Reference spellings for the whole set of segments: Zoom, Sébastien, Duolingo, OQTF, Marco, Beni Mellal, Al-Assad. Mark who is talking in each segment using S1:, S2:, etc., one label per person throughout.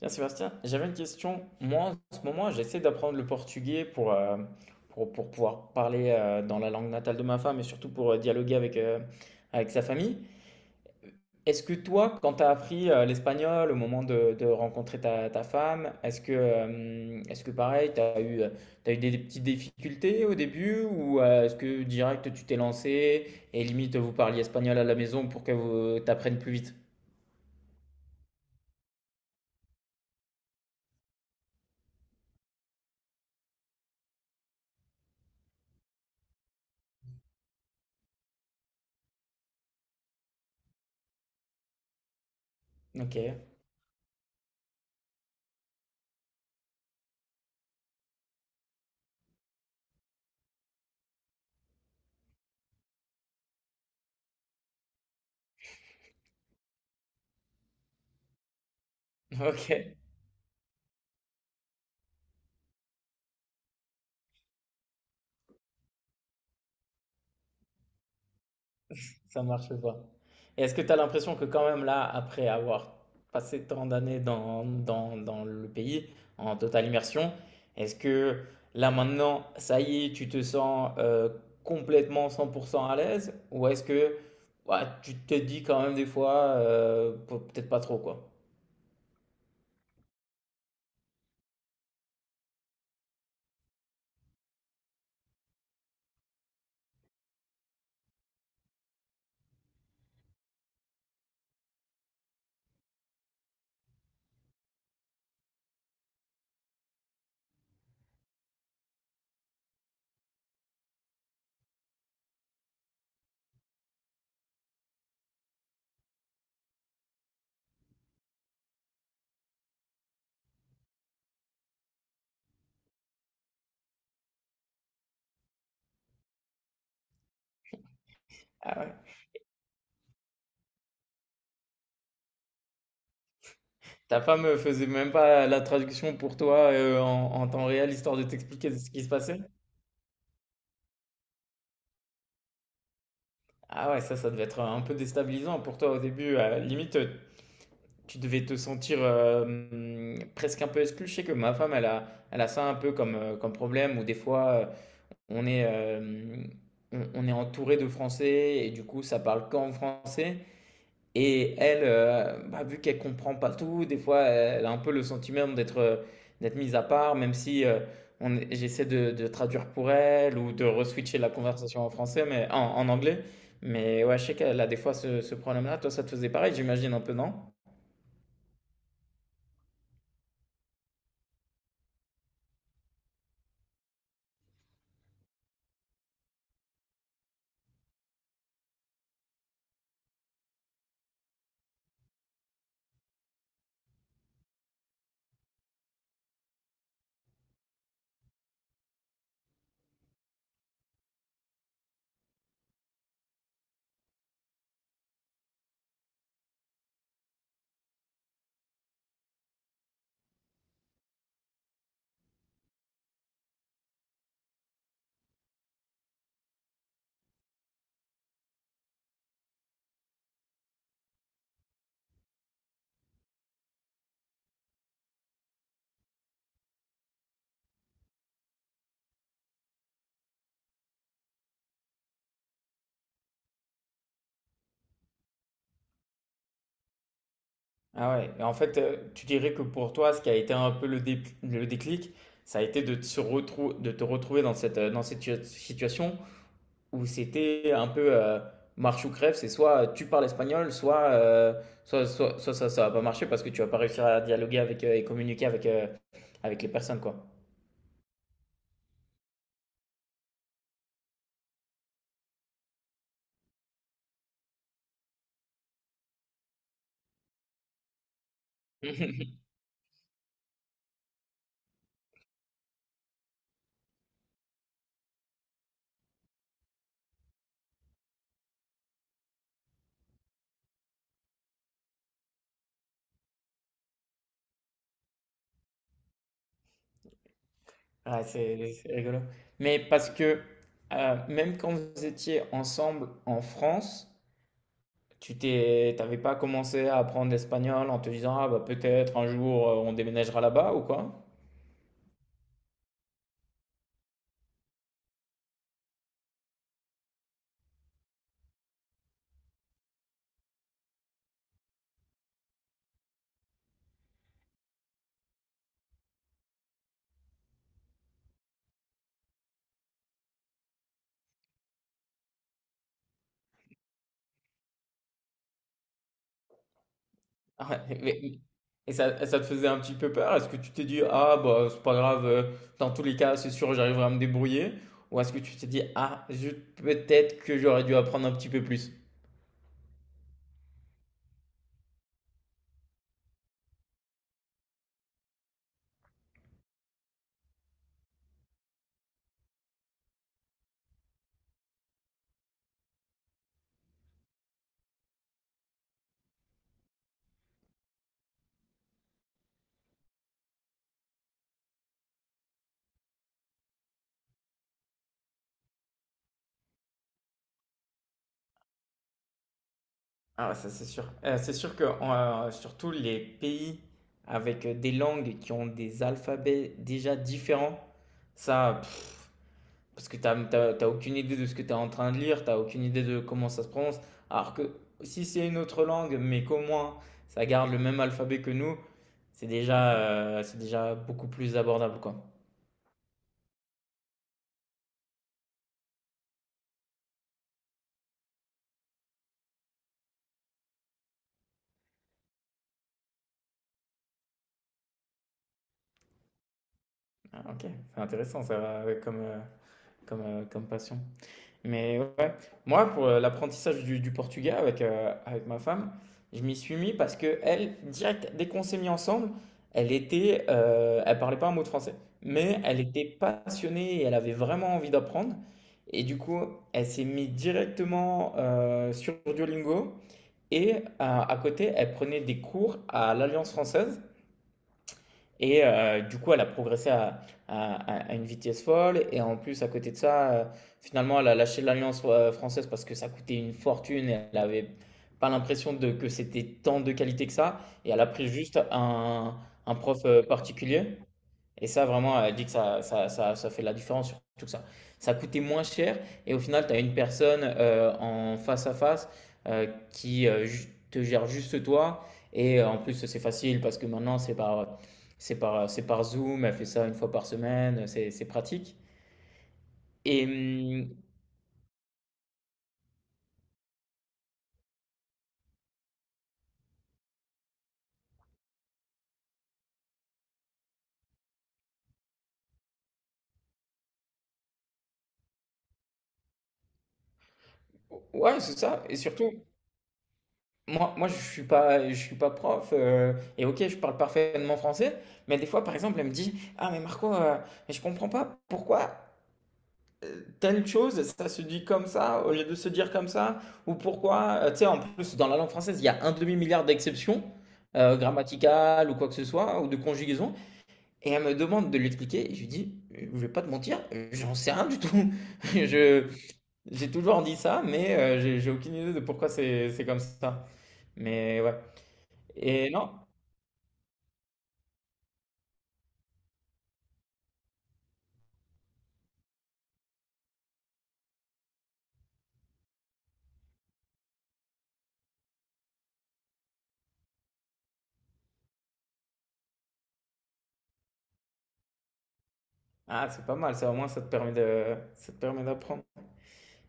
S1: Tiens, Sébastien, j'avais une question. Moi, en ce moment, j'essaie d'apprendre le portugais pour pouvoir parler dans la langue natale de ma femme, et surtout pour dialoguer avec sa famille. Est-ce que toi, quand tu as appris l'espagnol au moment de rencontrer ta femme, est-ce que pareil, t'as eu des petites difficultés au début, ou est-ce que direct tu t'es lancé et limite vous parliez espagnol à la maison pour que vous t'apprennes plus vite? Ok. Ok. Ça marche pas. Et est-ce que tu as l'impression que quand même là, après avoir passé tant d'années dans le pays, en totale immersion, est-ce que là maintenant, ça y est, tu te sens complètement 100% à l'aise? Ou est-ce que, ouais, tu te dis quand même des fois, peut-être pas trop, quoi? Ah ouais. Ta femme faisait même pas la traduction pour toi en temps réel, histoire de t'expliquer ce qui se passait? Ah ouais, ça devait être un peu déstabilisant pour toi au début. Limite, tu devais te sentir presque un peu exclu. Je sais que ma femme, elle a ça un peu comme, comme problème, où des fois, on est, on est entouré de Français, et du coup, ça parle qu'en français. Et elle, bah, vu qu'elle comprend pas tout, des fois, elle a un peu le sentiment d'être d'être mise à part, même si j'essaie de traduire pour elle, ou de reswitcher la conversation en français, mais en anglais. Mais ouais, je sais qu'elle a des fois ce problème-là. Toi, ça te faisait pareil, j'imagine, un peu, non? Ah ouais, et en fait, tu dirais que pour toi, ce qui a été un peu le déclic, ça a été de te retrouver dans cette tua situation où c'était un peu, marche ou crève. C'est soit tu parles espagnol, soit ça ça va pas marcher parce que tu vas pas réussir à dialoguer et communiquer avec les personnes, quoi. Ah, c'est rigolo. Mais parce que, même quand vous étiez ensemble en France, t'avais pas commencé à apprendre l'espagnol en te disant, ah bah peut-être un jour on déménagera là-bas ou quoi? Ah ouais, et ça te faisait un petit peu peur? Est-ce que tu t'es dit, ah bah c'est pas grave, dans tous les cas c'est sûr j'arriverai à me débrouiller? Ou est-ce que tu t'es dit, ah zut, peut-être que j'aurais dû apprendre un petit peu plus? Ah ça c'est sûr. C'est sûr que surtout les pays avec des langues qui ont des alphabets déjà différents, ça, parce que t'as aucune idée de ce que tu es en train de lire, t'as aucune idée de comment ça se prononce. Alors que si c'est une autre langue, mais qu'au moins ça garde le même alphabet que nous, c'est déjà beaucoup plus abordable, quoi. Ah, ok, c'est intéressant ça, comme passion. Mais ouais, moi pour l'apprentissage du portugais avec, avec ma femme, je m'y suis mis parce que elle, direct, dès qu'on s'est mis ensemble, elle parlait pas un mot de français, mais elle était passionnée et elle avait vraiment envie d'apprendre. Et du coup, elle s'est mise directement sur Duolingo, et à côté, elle prenait des cours à l'Alliance française. Et du coup, elle a progressé une vitesse folle. Et en plus, à côté de ça, finalement, elle a lâché l'Alliance française parce que ça coûtait une fortune. Et elle avait pas l'impression que c'était tant de qualité que ça. Et elle a pris un prof particulier. Et ça, vraiment, elle dit que ça fait la différence sur tout ça. Ça coûtait moins cher, et au final, tu as une personne en face à face te gère juste toi. Et en plus, c'est facile parce que maintenant, c'est par Zoom. Elle fait ça une fois par semaine. C'est pratique. Et hum, ouais, c'est ça. Et surtout, moi, moi je suis pas prof. Et ok, je parle parfaitement français. Mais des fois, par exemple, elle me dit, ah, mais Marco, mais je comprends pas pourquoi telle chose, ça se dit comme ça, au lieu de se dire comme ça. Ou pourquoi, tu sais, en plus, dans la langue française, il y a un demi-milliard d'exceptions grammaticales ou quoi que ce soit, ou de conjugaison, et elle me demande de l'expliquer, et je lui dis, je vais pas te mentir, j'en sais rien du tout. Je, j'ai toujours dit ça, mais j'ai aucune idée de pourquoi c'est comme ça. Mais ouais. Et non, ah, c'est pas mal, ça au moins ça te permet ça te permet d'apprendre.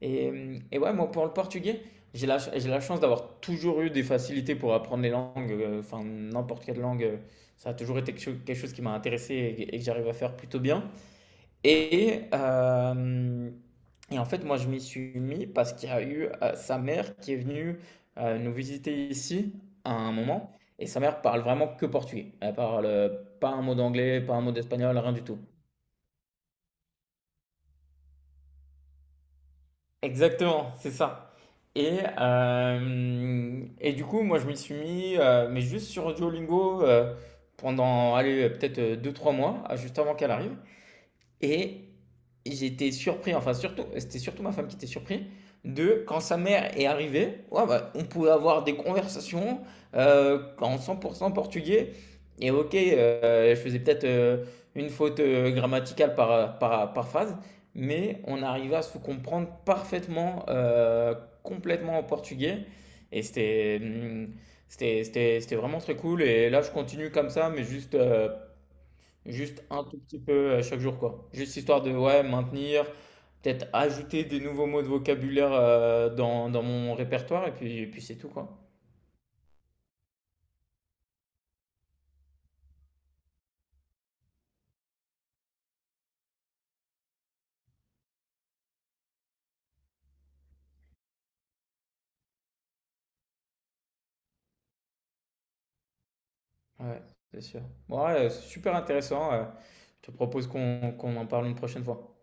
S1: Et, et ouais, moi, pour le portugais, j'ai la chance d'avoir toujours eu des facilités pour apprendre les langues, enfin, n'importe quelle langue. Ça a toujours été quelque chose qui m'a intéressé, et que j'arrive à faire plutôt bien. Et, euh, et en fait, moi, je m'y suis mis parce qu'il y a eu sa mère qui est venue nous visiter ici à un moment. Et sa mère parle vraiment que portugais. Elle parle pas un mot d'anglais, pas un mot d'espagnol, rien du tout. Exactement, c'est ça. Et du coup, moi, je m'y suis mis, mais juste sur Duolingo pendant, allez, peut-être deux trois mois, ah, juste avant qu'elle arrive. Et j'étais surpris, enfin surtout, c'était surtout ma femme qui était surprise de quand sa mère est arrivée, ouais, bah, on pouvait avoir des conversations en 100% portugais. Et ok, je faisais peut-être une faute grammaticale par phrase, mais on arrivait à se comprendre parfaitement, complètement en portugais. Et c'était, hum, C'était vraiment très cool. Et là, je continue comme ça, mais juste un tout petit peu chaque jour, quoi. Juste histoire de, ouais, maintenir, peut-être ajouter des nouveaux mots de vocabulaire dans mon répertoire, et puis c'est tout, quoi. Ouais, c'est sûr. Bon, ouais, super intéressant. Je te propose qu'on en parle une prochaine fois.